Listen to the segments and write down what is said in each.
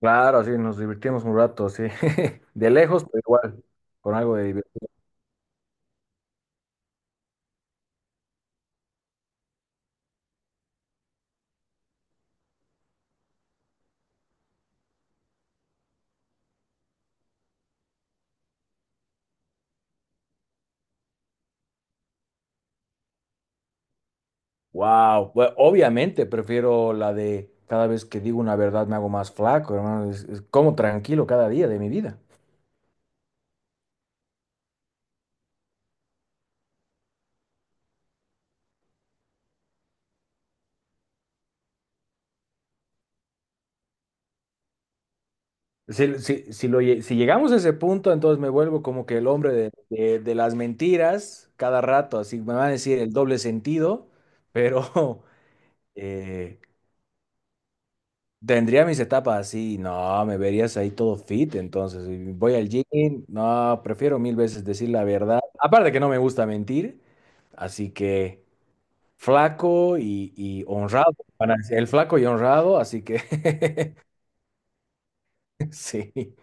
Claro, sí, nos divertimos un rato, sí. De lejos, pero igual, con algo de diversión. Wow, obviamente prefiero la de cada vez que digo una verdad me hago más flaco, hermano. Es como tranquilo cada día de mi vida. Si, si llegamos a ese punto, entonces me vuelvo como que el hombre de las mentiras cada rato, así me van a decir el doble sentido, pero eh, tendría mis etapas así. No, me verías ahí todo fit, entonces y voy al gym. No, prefiero mil veces decir la verdad, aparte que no me gusta mentir, así que flaco y honrado, van a decir, el flaco y honrado, así que sí,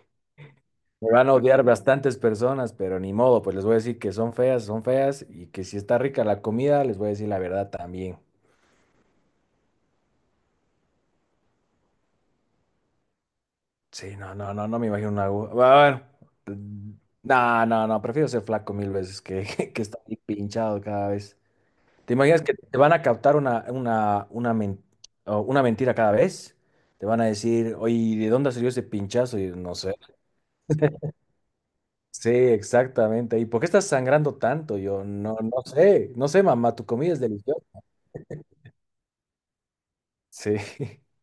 me van a odiar bastantes personas, pero ni modo, pues les voy a decir que son feas y que si está rica la comida, les voy a decir la verdad también. Sí, no, no, no, no me imagino una aguja. Bueno, mm, no, no, no, prefiero ser flaco mil veces que, que estar ahí pinchado cada vez. ¿Te imaginas que te van a captar o una mentira cada vez? Te van a decir, oye, ¿de dónde salió ese pinchazo? Y yo, no sé. Sí, exactamente. ¿Y por qué estás sangrando tanto? Yo no, no sé, no sé, mamá, tu comida es deliciosa. Sí.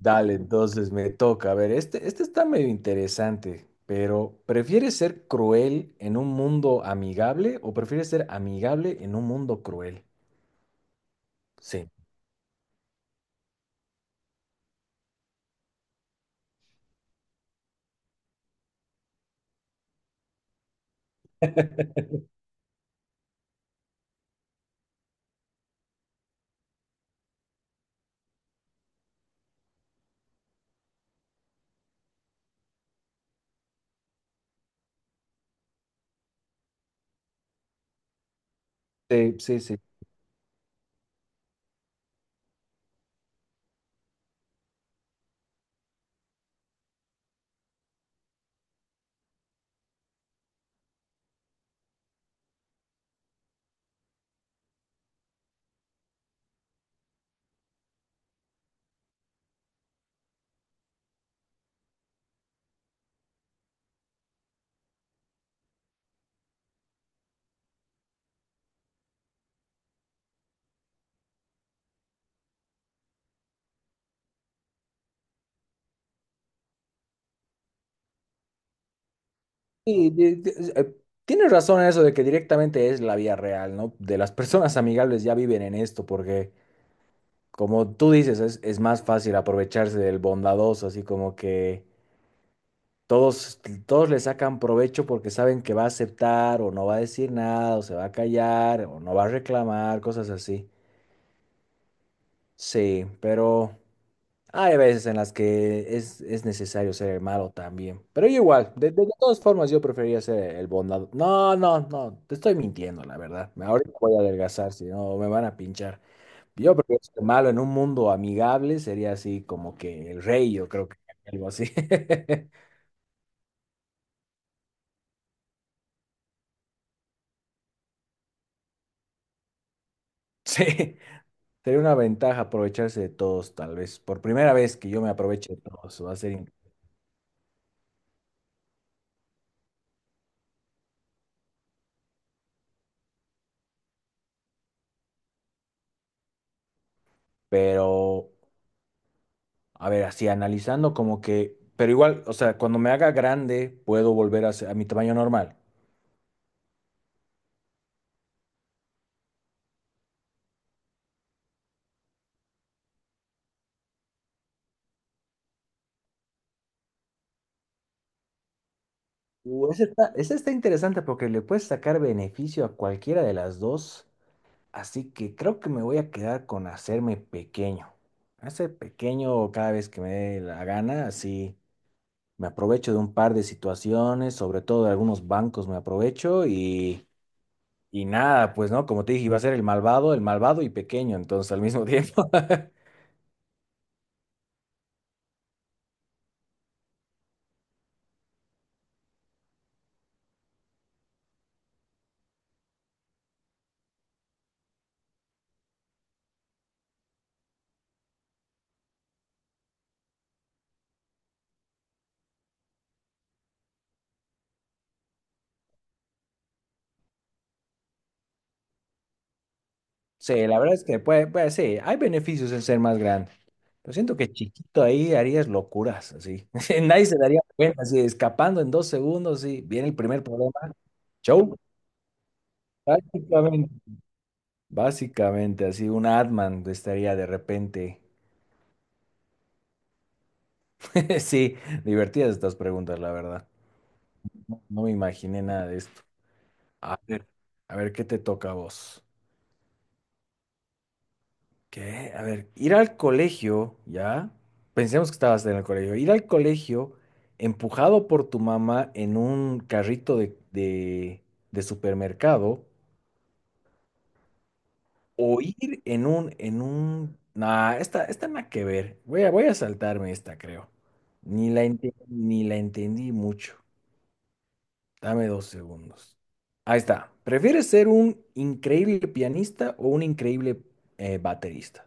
Dale, entonces me toca. A ver, este está medio interesante, pero ¿prefieres ser cruel en un mundo amigable o prefieres ser amigable en un mundo cruel? Sí. Sí, sí, sí. Y, tienes razón en eso de que directamente es la vía real, ¿no? De las personas amigables ya viven en esto, porque como tú dices, es más fácil aprovecharse del bondadoso, así como que todos, todos le sacan provecho porque saben que va a aceptar o no va a decir nada o se va a callar o no va a reclamar, cosas así. Sí, pero hay veces en las que es necesario ser el malo también. Pero yo igual, de todas formas yo prefería ser el bondado. No, no, no, te estoy mintiendo, la verdad. Ahorita voy a adelgazar, si no me van a pinchar. Yo prefiero ser malo en un mundo amigable, sería así como que el rey, yo creo que algo así. Sí. Sería una ventaja aprovecharse de todos, tal vez. Por primera vez que yo me aproveche de todos, va a ser. Pero, a ver, así analizando, como que. Pero igual, o sea, cuando me haga grande, puedo volver a, a mi tamaño normal. Esa está interesante porque le puedes sacar beneficio a cualquiera de las dos. Así que creo que me voy a quedar con hacerme pequeño. Hacer pequeño cada vez que me dé la gana, así. Me aprovecho de un par de situaciones, sobre todo de algunos bancos me aprovecho. Y nada, pues no, como te dije, iba a ser el malvado y pequeño, entonces al mismo tiempo. Sí, la verdad es que puede, puede, sí, hay beneficios en ser más grande. Pero siento que chiquito ahí harías locuras, así. Nadie se daría cuenta, así, escapando en dos segundos, sí. Viene el primer problema. Show, básicamente. Básicamente, así un Atman estaría de repente. Sí, divertidas estas preguntas, la verdad. No, no me imaginé nada de esto. A ver, a ver, ¿qué te toca a vos? ¿Qué? A ver, ir al colegio, ¿ya? Pensemos que estabas en el colegio. Ir al colegio empujado por tu mamá en un carrito de supermercado o ir en un... Nah, esta nada que ver. Voy a, voy a saltarme esta, creo. Ni la entendí mucho. Dame dos segundos. Ahí está. ¿Prefieres ser un increíble pianista o un increíble baterista?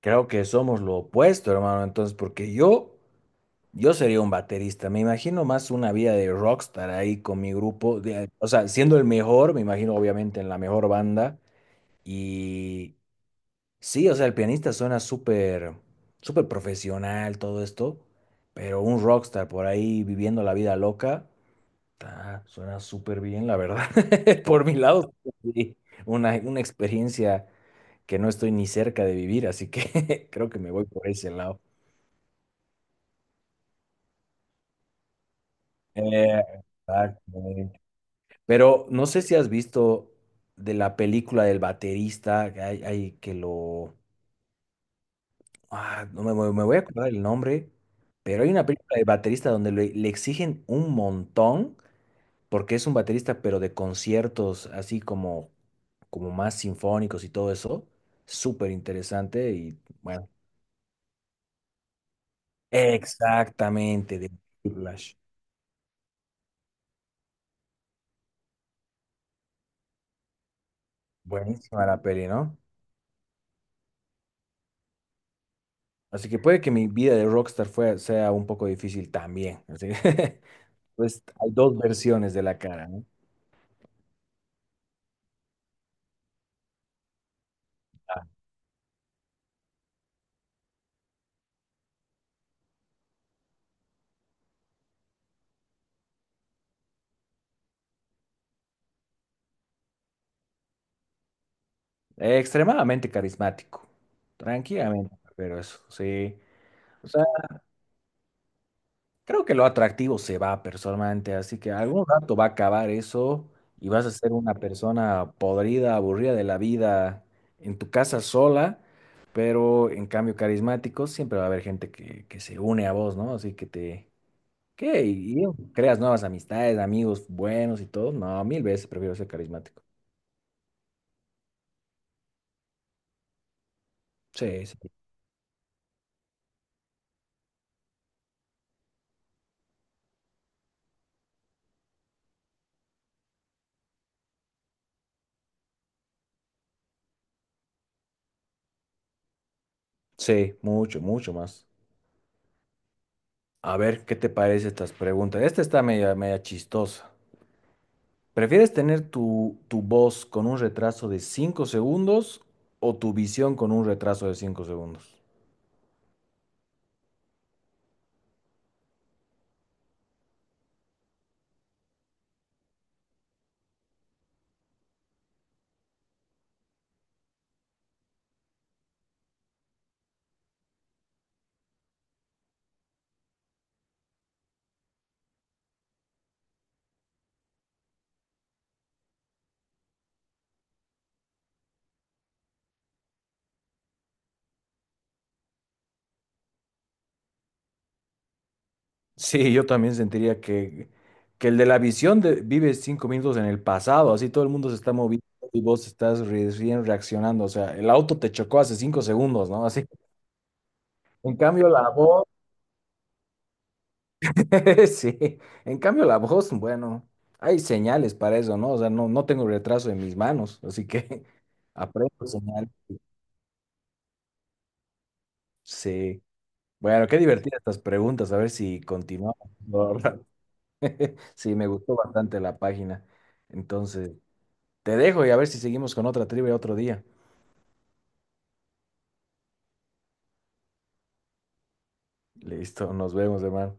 Creo que somos lo opuesto, hermano. Entonces, porque yo sería un baterista. Me imagino más una vida de rockstar ahí con mi grupo. O sea, siendo el mejor, me imagino obviamente en la mejor banda. Y sí, o sea, el pianista suena súper, súper profesional, todo esto. Pero un rockstar por ahí viviendo la vida loca, ta, suena súper bien, la verdad. Por mi lado, sí, una experiencia que no estoy ni cerca de vivir, así que creo que me voy por ese lado. Eh, Exactamente. Pero no sé si has visto de la película del baterista, que hay que lo... Ah, no me, me- me voy a acordar el nombre, pero hay una película del baterista donde le exigen un montón, porque es un baterista, pero de conciertos así como, como más sinfónicos y todo eso. Súper interesante y bueno. Exactamente, de Whiplash. Buenísima la peli, ¿no? Así que puede que mi vida de rockstar sea un poco difícil también, así que, pues hay dos versiones de la cara, ¿no? Extremadamente carismático, tranquilamente, pero eso, sí. O sea, creo que lo atractivo se va personalmente, así que algún rato va a acabar eso y vas a ser una persona podrida, aburrida de la vida en tu casa sola, pero en cambio carismático siempre va a haber gente que se une a vos, ¿no? Así que te ¿qué? Y pues, creas nuevas amistades, amigos buenos y todo. No, mil veces prefiero ser carismático. Sí, sí. Sí, mucho, mucho más. A ver, ¿qué te parece estas preguntas? Esta está media, media chistosa. ¿Prefieres tener tu, tu voz con un retraso de 5 segundos o tu visión con un retraso de 5 segundos? Sí, yo también sentiría que el de la visión vive 5 minutos en el pasado, así todo el mundo se está moviendo y vos estás recién reaccionando. O sea, el auto te chocó hace 5 segundos, ¿no? Así. En cambio, la voz, sí, en cambio la voz, bueno, hay señales para eso, ¿no? O sea, no, no tengo retraso en mis manos, así que aprendo señales. Sí. Bueno, qué divertidas estas preguntas, a ver si continuamos. ¿No? Sí, me gustó bastante la página. Entonces, te dejo y a ver si seguimos con otra trivia otro día. Listo, nos vemos, hermano.